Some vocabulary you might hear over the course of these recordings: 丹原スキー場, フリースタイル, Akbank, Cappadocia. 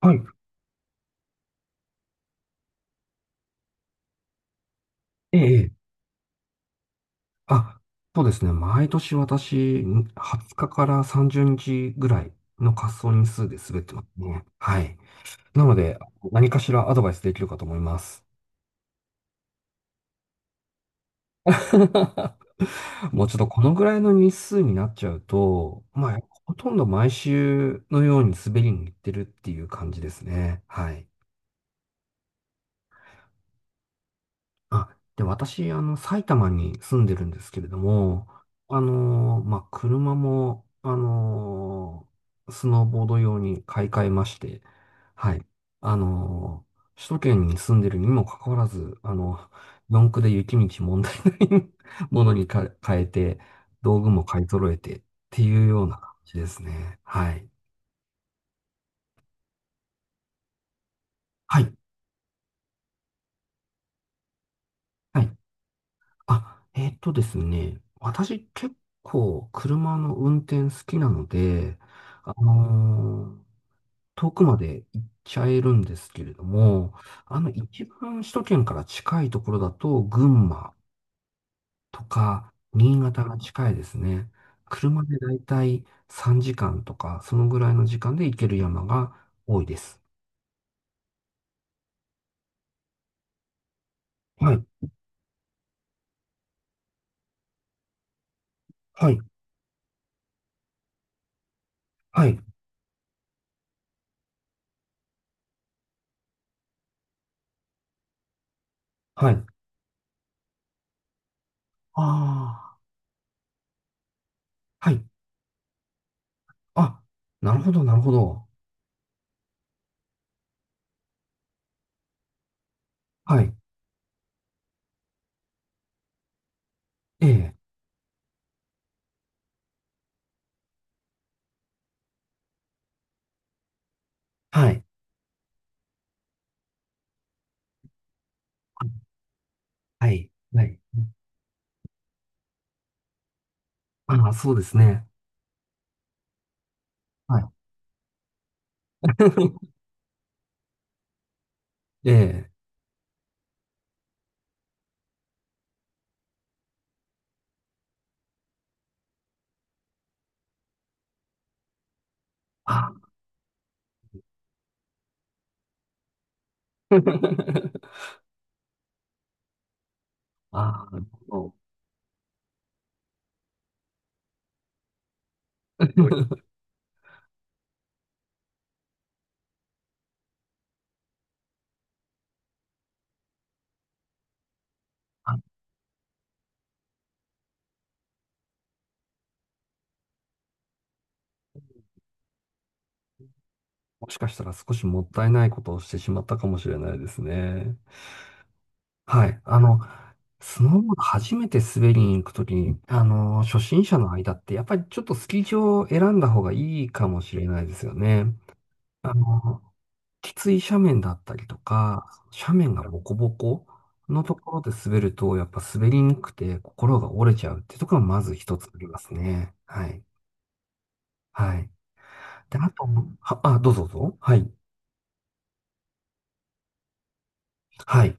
はい。ええ、ええ、あ、そうですね。毎年私、20日から30日ぐらいの滑走日数で滑ってますね。はい。なので、何かしらアドバイスできるかと思います。もうちょっとこのぐらいの日数になっちゃうと、まあ、ほとんど毎週のように滑りに行ってるっていう感じですね。はい。あ、で、私、埼玉に住んでるんですけれども、まあ、車も、スノーボード用に買い替えまして、はい。あのー首都圏に住んでるにもかかわらず、四駆で雪道問題ない ものに変えて、道具も買い揃えてっていうような感じですね。はい。はい。はい。あ、ですね、私結構車の運転好きなので、あのー遠くまで行っちゃえるんですけれども、一番首都圏から近いところだと、群馬とか新潟が近いですね。車でだいたい3時間とか、そのぐらいの時間で行ける山が多いです。はい、はい、はい、はい。ああ、はい。あ、なるほど、なるほど。はい。ええ、はい。はい。はい。ああ、そうですね。はい。ええ。ああ ああ、なるほど あ、もしかしたら少しもったいないことをしてしまったかもしれないですね。はい。スノーボード初めて滑りに行くときに、初心者の間って、やっぱりちょっとスキー場を選んだ方がいいかもしれないですよね。あの、きつい斜面だったりとか、斜面がボコボコのところで滑ると、やっぱ滑りにくくて心が折れちゃうっていうところがまず一つありますね。はい。はい。で、あと、あ、どうぞどうぞ。はい。はい。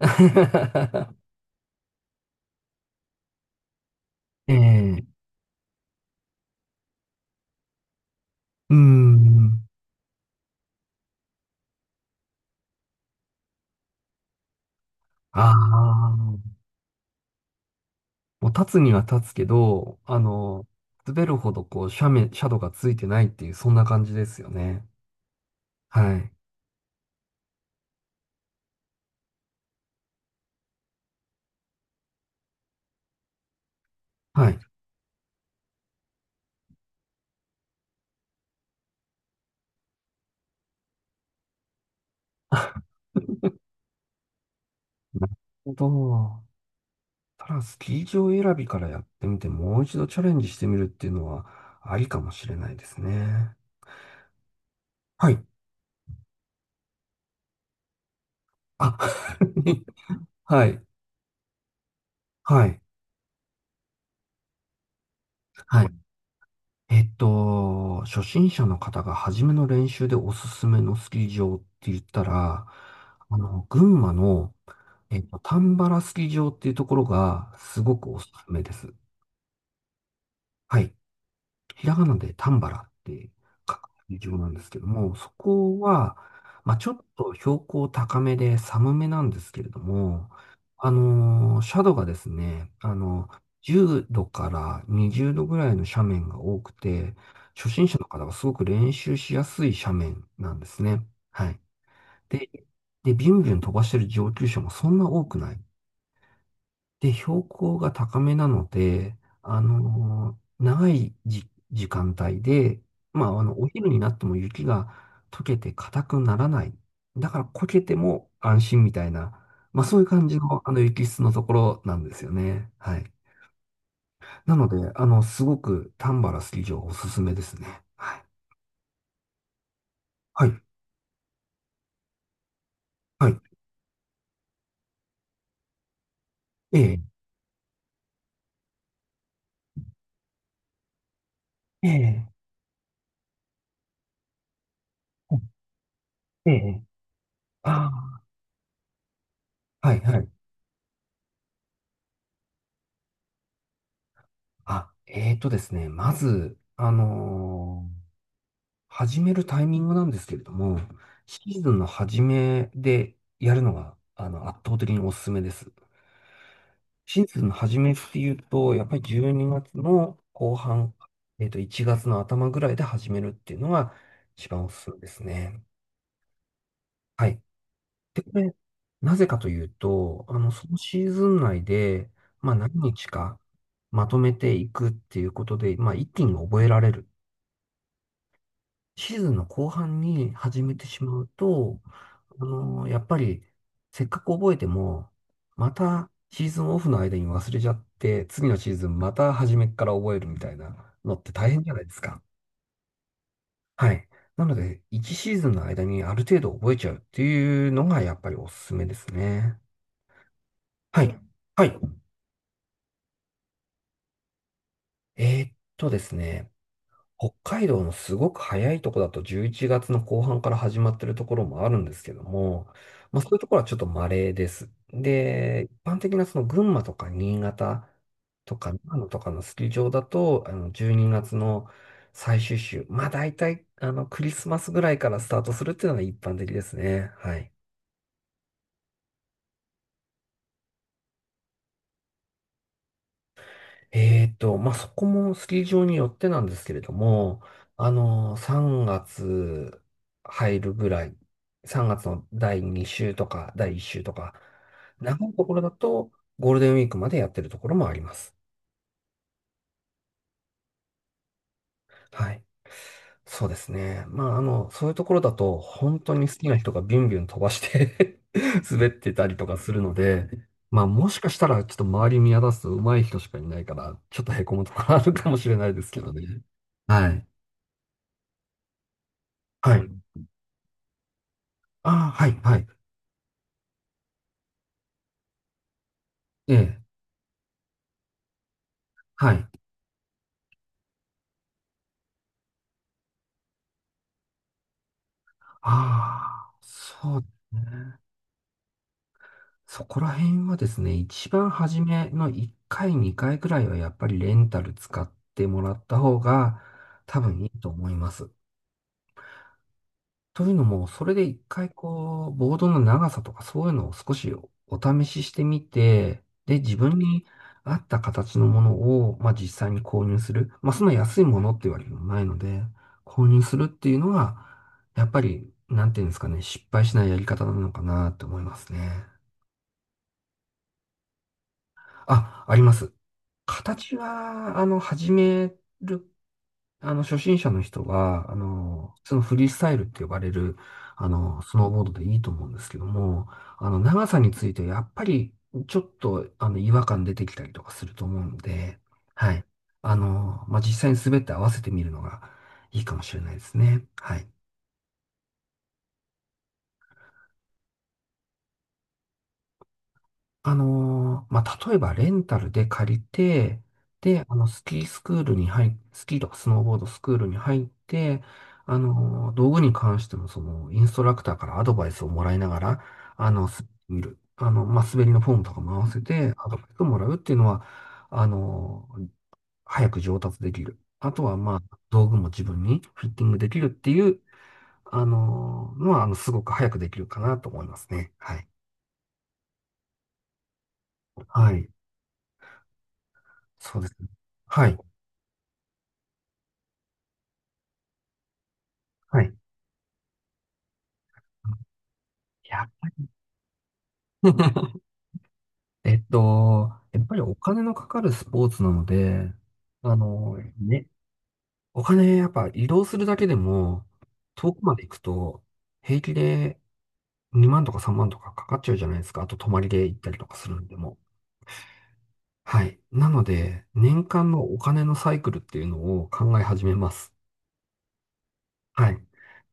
ええ、うーん。ああ、もう立つには立つけど、滑るほどこう斜面、斜度がついてないっていう、そんな感じですよね。はい。はい。なるほど。ただ、スキー場選びからやってみて、もう一度チャレンジしてみるっていうのは、ありかもしれないですね。はい。あ、はい。はい。はい。初心者の方が初めの練習でおすすめのスキー場って言ったら、群馬の、丹原スキー場っていうところが、すごくおすすめです。はい。ひらがなでタンバラって書く劇場なんですけども、そこは、まあ、ちょっと標高高めで寒めなんですけれども、斜度がですね、10度から20度ぐらいの斜面が多くて、初心者の方がすごく練習しやすい斜面なんですね。はい。で、で、ビュンビュン飛ばしてる上級者もそんな多くない。で、標高が高めなので、長い時間帯で、まあ、お昼になっても雪が溶けて硬くならない。だから、こけても安心みたいな、まあ、そういう感じの、雪質のところなんですよね。はい。なので、すごく丹原スキー場おすすめですね。はい。はい。はい。ええ。ええ。ええ。ああ。はい。はい。あ、ですね。まず、始めるタイミングなんですけれども、シーズンの初めでやるのが、圧倒的におすすめです。シーズンの初めっていうと、やっぱり12月の後半、1月の頭ぐらいで始めるっていうのが一番おすすめですね。はい。で、これ、なぜかというと、そのシーズン内で、まあ、何日かまとめていくっていうことで、まあ、一気に覚えられる。シーズンの後半に始めてしまうと、やっぱり、せっかく覚えても、またシーズンオフの間に忘れちゃって、次のシーズンまた初めから覚えるみたいなのって大変じゃないですか。はい。なので、1シーズンの間にある程度覚えちゃうっていうのがやっぱりおすすめですね。はい。はい。ですね。北海道のすごく早いとこだと11月の後半から始まってるところもあるんですけども、まあそういうところはちょっと稀です。で、一般的なその群馬とか新潟とか長野とかのスキー場だと、12月の最終週、まあ大体クリスマスぐらいからスタートするっていうのが一般的ですね。はい。まあ、そこもスキー場によってなんですけれども、3月入るぐらい、3月の第2週とか第1週とか、長いところだとゴールデンウィークまでやってるところもあります。はい。そうですね。まあ、そういうところだと、本当に好きな人がビュンビュン飛ばして 滑ってたりとかするので、まあ、もしかしたら、ちょっと周り見渡すと上手い人しかいないから、ちょっとへこむところあるかもしれないですけどね。はい。はい。ああ、はい、はい。ええ、はい。ああ、そうですね。そこら辺はですね、一番初めの1回、2回くらいはやっぱりレンタル使ってもらった方が多分いいと思います。というのも、それで一回こう、ボードの長さとかそういうのを少しお試ししてみて、で、自分に合った形のものを、まあ実際に購入する。まあそんな安いものっていうわけでもないので、購入するっていうのは、やっぱり、なんていうんですかね、失敗しないやり方なのかなって思いますね。あ、あります。形は、あの、始めるあの、初心者の人が、そのフリースタイルって呼ばれる、スノーボードでいいと思うんですけども、長さについてやっぱり、ちょっと、違和感出てきたりとかすると思うので、はい。まあ、実際に滑って合わせてみるのがいいかもしれないですね。はい。まあ、例えばレンタルで借りて、で、スキーとかスノーボードスクールに入って、道具に関しても、その、インストラクターからアドバイスをもらいながら、滑ってみる。まあ、滑りのフォームとかも合わせて、アドバイスをもらうっていうのは、あのー早く上達できる。あとは、まあ、道具も自分にフィッティングできるっていう、のは、すごく早くできるかなと思いますね。はい。はい。そうですね。はい。はい。いや やっぱりお金のかかるスポーツなので、ね、お金やっぱ移動するだけでも、遠くまで行くと、平気で2万とか3万とかかかっちゃうじゃないですか。あと泊まりで行ったりとかするんでも。はい。なので、年間のお金のサイクルっていうのを考え始めます。はい。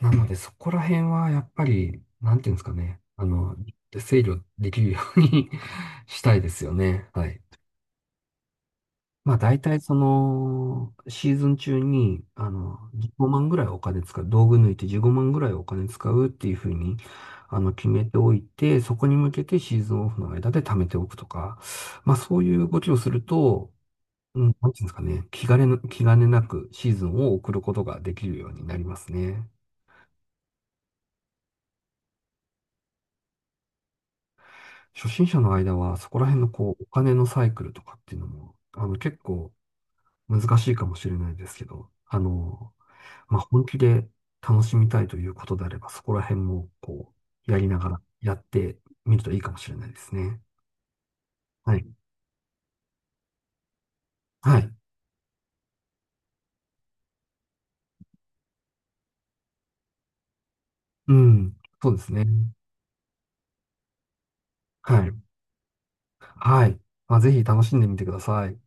なので、そこら辺はやっぱり、なんていうんですかね。制御できるように したいですよね。はい。まあ大体その、シーズン中に、15万ぐらいお金使う、道具抜いて15万ぐらいお金使うっていうふうに、決めておいて、そこに向けてシーズンオフの間で貯めておくとか、まあそういう動きをすると、うん、なんていうんですかね、気兼ねなくシーズンを送ることができるようになりますね。初心者の間はそこら辺のこう、お金のサイクルとかっていうのも、結構難しいかもしれないですけど、まあ、本気で楽しみたいということであれば、そこら辺も、こう、やりながらやってみるといいかもしれないですね。はい。はい。うん。そうですね。はい。はい。まあ、ぜひ楽しんでみてください。